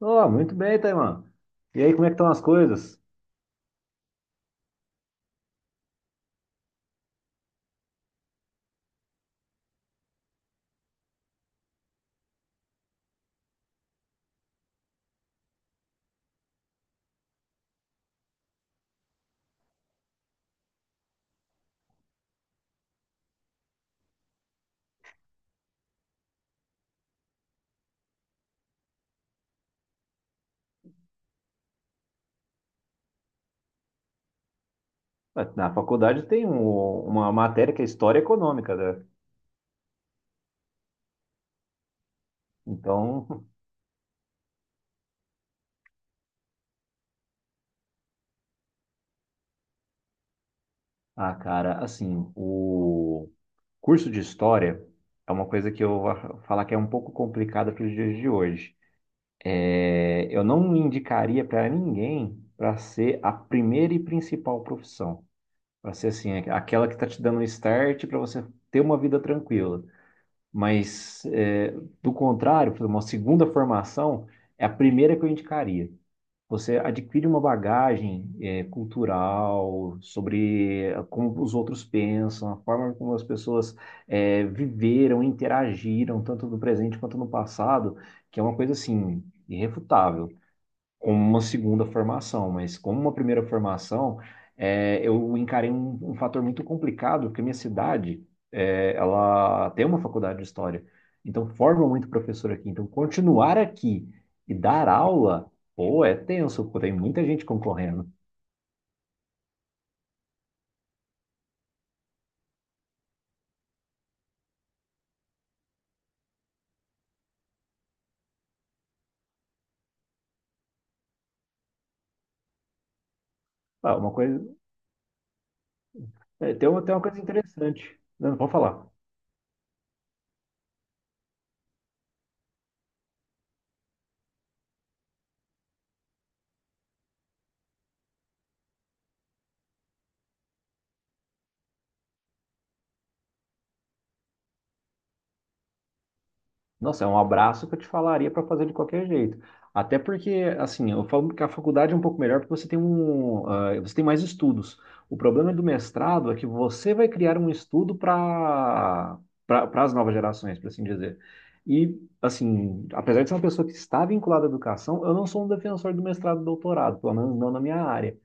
Oh, muito bem, Taiman. E aí, como é que estão as coisas? Ué, na faculdade tem uma matéria que é História Econômica, né? Então, ah, cara, assim, o curso de História é uma coisa que eu vou falar que é um pouco complicada para os dias de hoje. É, eu não indicaria para ninguém para ser a primeira e principal profissão. Para ser, assim, aquela que está te dando um start para você ter uma vida tranquila. Mas, é, do contrário, por exemplo, uma segunda formação é a primeira que eu indicaria. Você adquire uma bagagem, é, cultural sobre como os outros pensam, a forma como as pessoas, é, viveram, interagiram, tanto no presente quanto no passado, que é uma coisa assim, irrefutável como uma segunda formação, mas como uma primeira formação, é, eu encarei um fator muito complicado, porque minha cidade, é, ela tem uma faculdade de história, então forma muito professor aqui. Então, continuar aqui e dar aula, pô, é tenso, pô, tem muita gente concorrendo. Ah, uma coisa, é, tem uma coisa interessante. Não, pode falar. Nossa, é um abraço que eu te falaria para fazer de qualquer jeito. Até porque, assim, eu falo que a faculdade é um pouco melhor porque você tem mais estudos. O problema do mestrado é que você vai criar um estudo para as novas gerações, por assim dizer. E, assim, apesar de ser uma pessoa que está vinculada à educação, eu não sou um defensor do mestrado e doutorado, pelo menos não na minha área.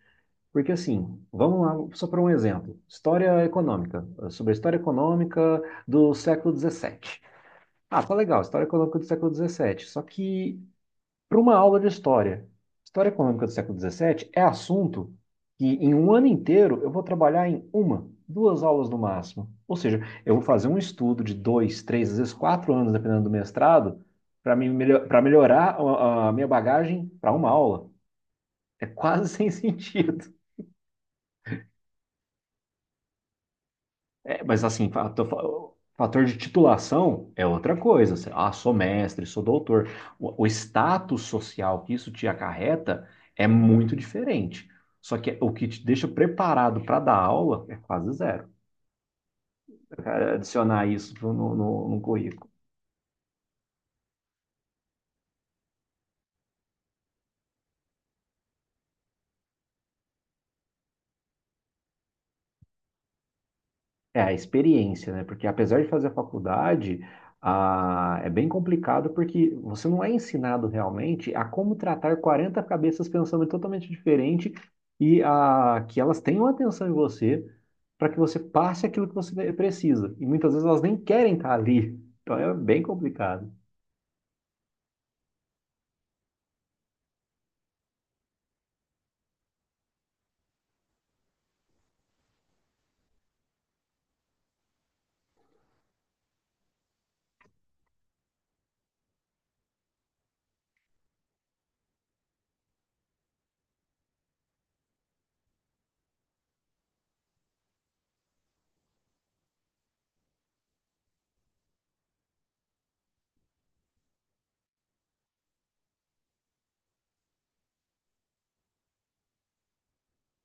Porque, assim, vamos lá, só para um exemplo, história econômica, sobre a história econômica do século XVII. Ah, tá legal, História Econômica do século XVII. Só que, para uma aula de história, História Econômica do século XVII é assunto que, em um ano inteiro, eu vou trabalhar em uma, duas aulas no máximo. Ou seja, eu vou fazer um estudo de dois, três, às vezes quatro anos, dependendo do mestrado, para melhorar a minha bagagem para uma aula. É quase sem sentido. É, mas assim, fator de titulação é outra coisa. Ah, sou mestre, sou doutor. O status social que isso te acarreta é muito diferente. Só que o que te deixa preparado para dar aula é quase zero. É adicionar isso no currículo. É a experiência, né? Porque apesar de fazer a faculdade, ah, é bem complicado porque você não é ensinado realmente a como tratar 40 cabeças pensando totalmente diferente e a, que elas tenham atenção em você para que você passe aquilo que você precisa. E muitas vezes elas nem querem estar ali. Então é bem complicado.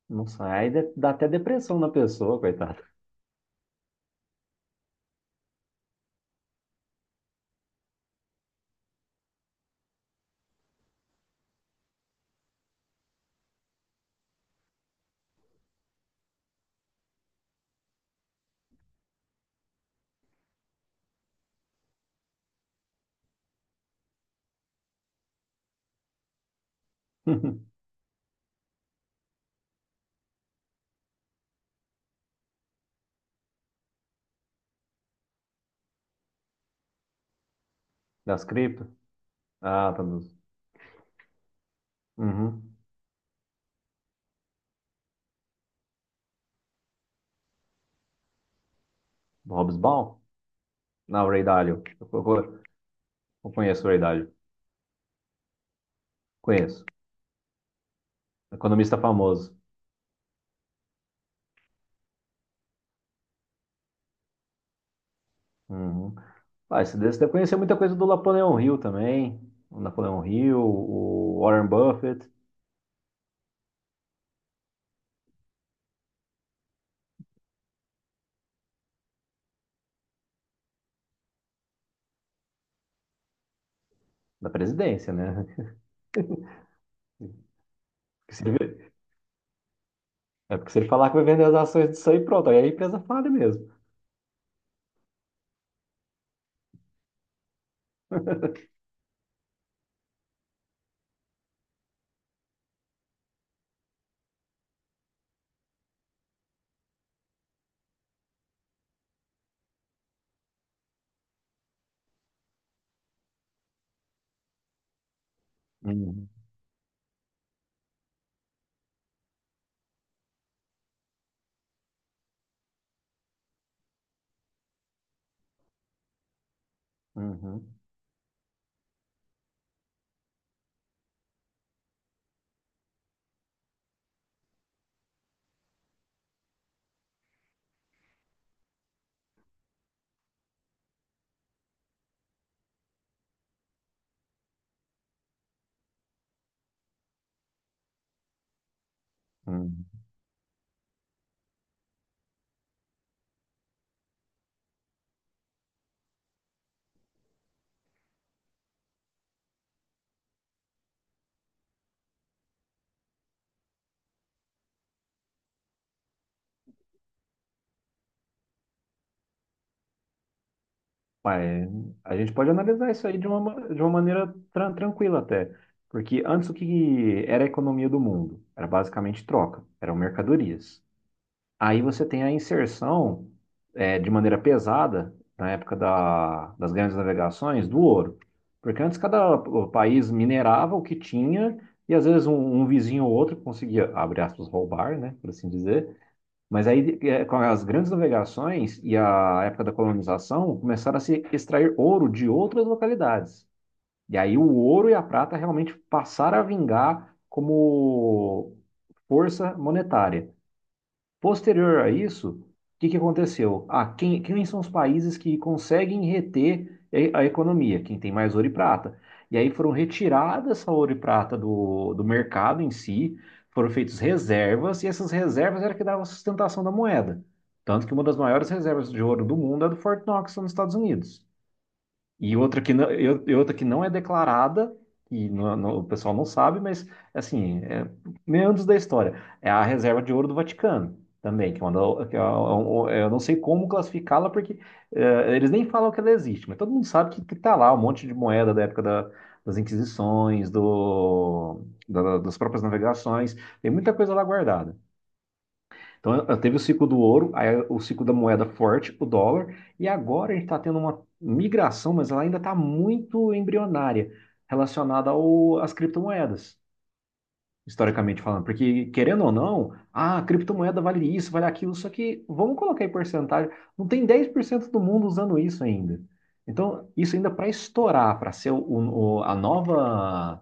Não sai, aí dá até depressão na pessoa, coitado. Das cripto? Ah, tá. Uhum. Do Hobbs Ball? Não, o Ray Dalio. Eu conheço o Ray Dalio. Conheço. Economista famoso. Uhum. Ah, esse desse deve conhecer muita coisa do Napoleão Hill também. O Napoleão Hill, o Warren Buffett, da presidência, né? Porque se ele- É porque se ele falar que vai vender as ações disso aí, pronto, aí a empresa falha mesmo. Uhum. Uhum. Uhum. Mas a gente pode analisar isso aí de uma maneira tranquila até. Porque antes o que era a economia do mundo? Era basicamente troca, eram mercadorias. Aí você tem a inserção de maneira pesada na época das grandes navegações do ouro. Porque antes cada país minerava o que tinha e às vezes um vizinho ou outro conseguia, abre aspas, roubar, né, por assim dizer. Mas aí com as grandes navegações e a época da colonização começaram a se extrair ouro de outras localidades. E aí o ouro e a prata realmente passaram a vingar como força monetária. Posterior a isso, o que que aconteceu? Ah, quem são os países que conseguem reter a economia? Quem tem mais ouro e prata. E aí foram retiradas essa ouro e prata do mercado em si, foram feitas reservas, e essas reservas era que davam sustentação da moeda. Tanto que uma das maiores reservas de ouro do mundo é a do Fort Knox, nos Estados Unidos. E outra que não é declarada, e o pessoal não sabe, mas assim, é meandros da história. É a reserva de ouro do Vaticano também, que é uma, da- que é um- é, eu não sei como classificá-la, porque eles nem falam que ela existe, mas todo mundo sabe que tá lá um monte de moeda da época das Inquisições, das próprias navegações, tem muita coisa lá guardada. Então, eu teve o ciclo do ouro, aí o ciclo da moeda forte, o dólar, e agora a gente está tendo uma migração, mas ela ainda está muito embrionária, relacionada às criptomoedas, historicamente falando. Porque, querendo ou não, ah, a criptomoeda vale isso, vale aquilo, só que vamos colocar em porcentagem, não tem 10% do mundo usando isso ainda. Então, isso ainda para estourar, para ser o- a nova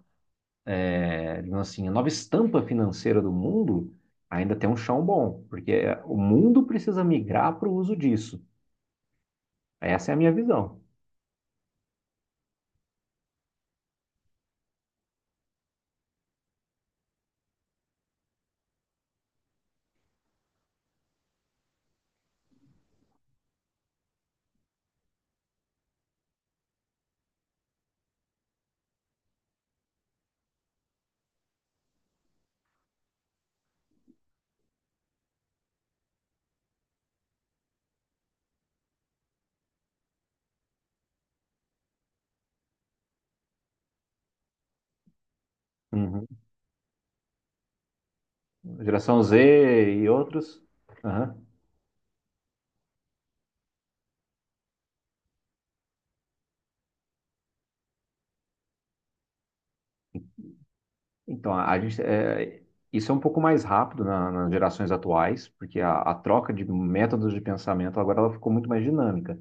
digamos assim, a nova estampa financeira do mundo, ainda tem um chão bom, porque o mundo precisa migrar para o uso disso. Essa é a minha visão. Uhum. Geração Z e outros. Aham. Então, isso é um pouco mais rápido nas gerações atuais, porque a troca de métodos de pensamento agora ela ficou muito mais dinâmica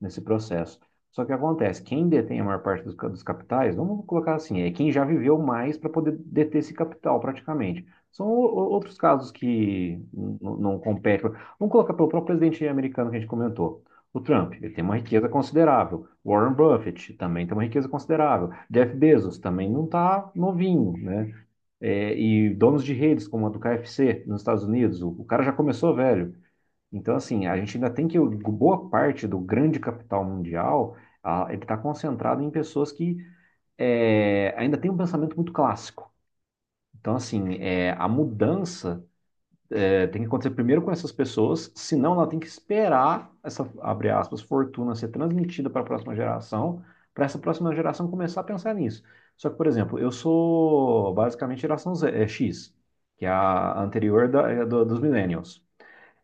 nesse processo. Só que acontece, quem detém a maior parte dos capitais, vamos colocar assim, é quem já viveu mais para poder deter esse capital praticamente. São outros casos que não competem. Vamos colocar pelo próprio presidente americano que a gente comentou. O Trump, ele tem uma riqueza considerável. Warren Buffett também tem uma riqueza considerável. Jeff Bezos também não está novinho, né? E donos de redes, como a do KFC nos Estados Unidos, o cara já começou velho. Então, assim, a gente ainda tem que. Boa parte do grande capital mundial, ah, ele está concentrado em pessoas que ainda têm um pensamento muito clássico. Então, assim, a mudança tem que acontecer primeiro com essas pessoas, senão ela tem que esperar essa, abre aspas, fortuna ser transmitida para a próxima geração, para essa próxima geração começar a pensar nisso. Só que, por exemplo, eu sou basicamente geração X, que é a anterior dos millennials.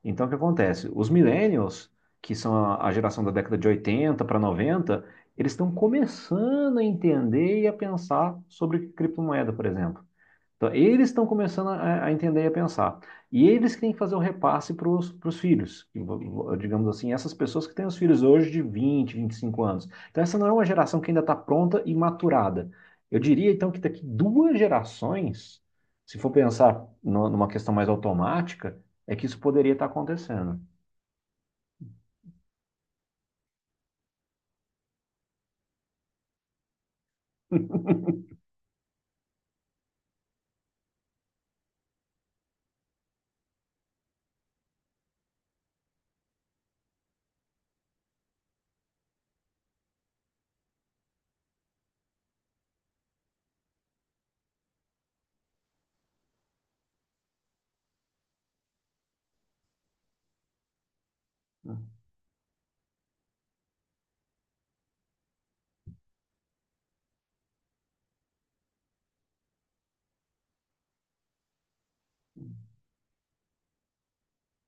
Então, o que acontece? Os millennials, que são a geração da década de 80 para 90, eles estão começando a entender e a pensar sobre criptomoeda, por exemplo. Então, eles estão começando a entender e a pensar. E eles que têm que fazer o repasse para os filhos. E, digamos assim, essas pessoas que têm os filhos hoje de 20, 25 anos. Então, essa não é uma geração que ainda está pronta e maturada. Eu diria, então, que daqui duas gerações, se for pensar numa questão mais automática, é que isso poderia estar acontecendo.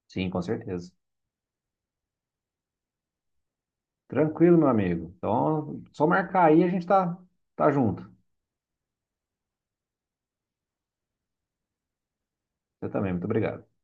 Sim, com certeza. Tranquilo, meu amigo. Então, só marcar aí, a gente tá junto. Você também, muito obrigado.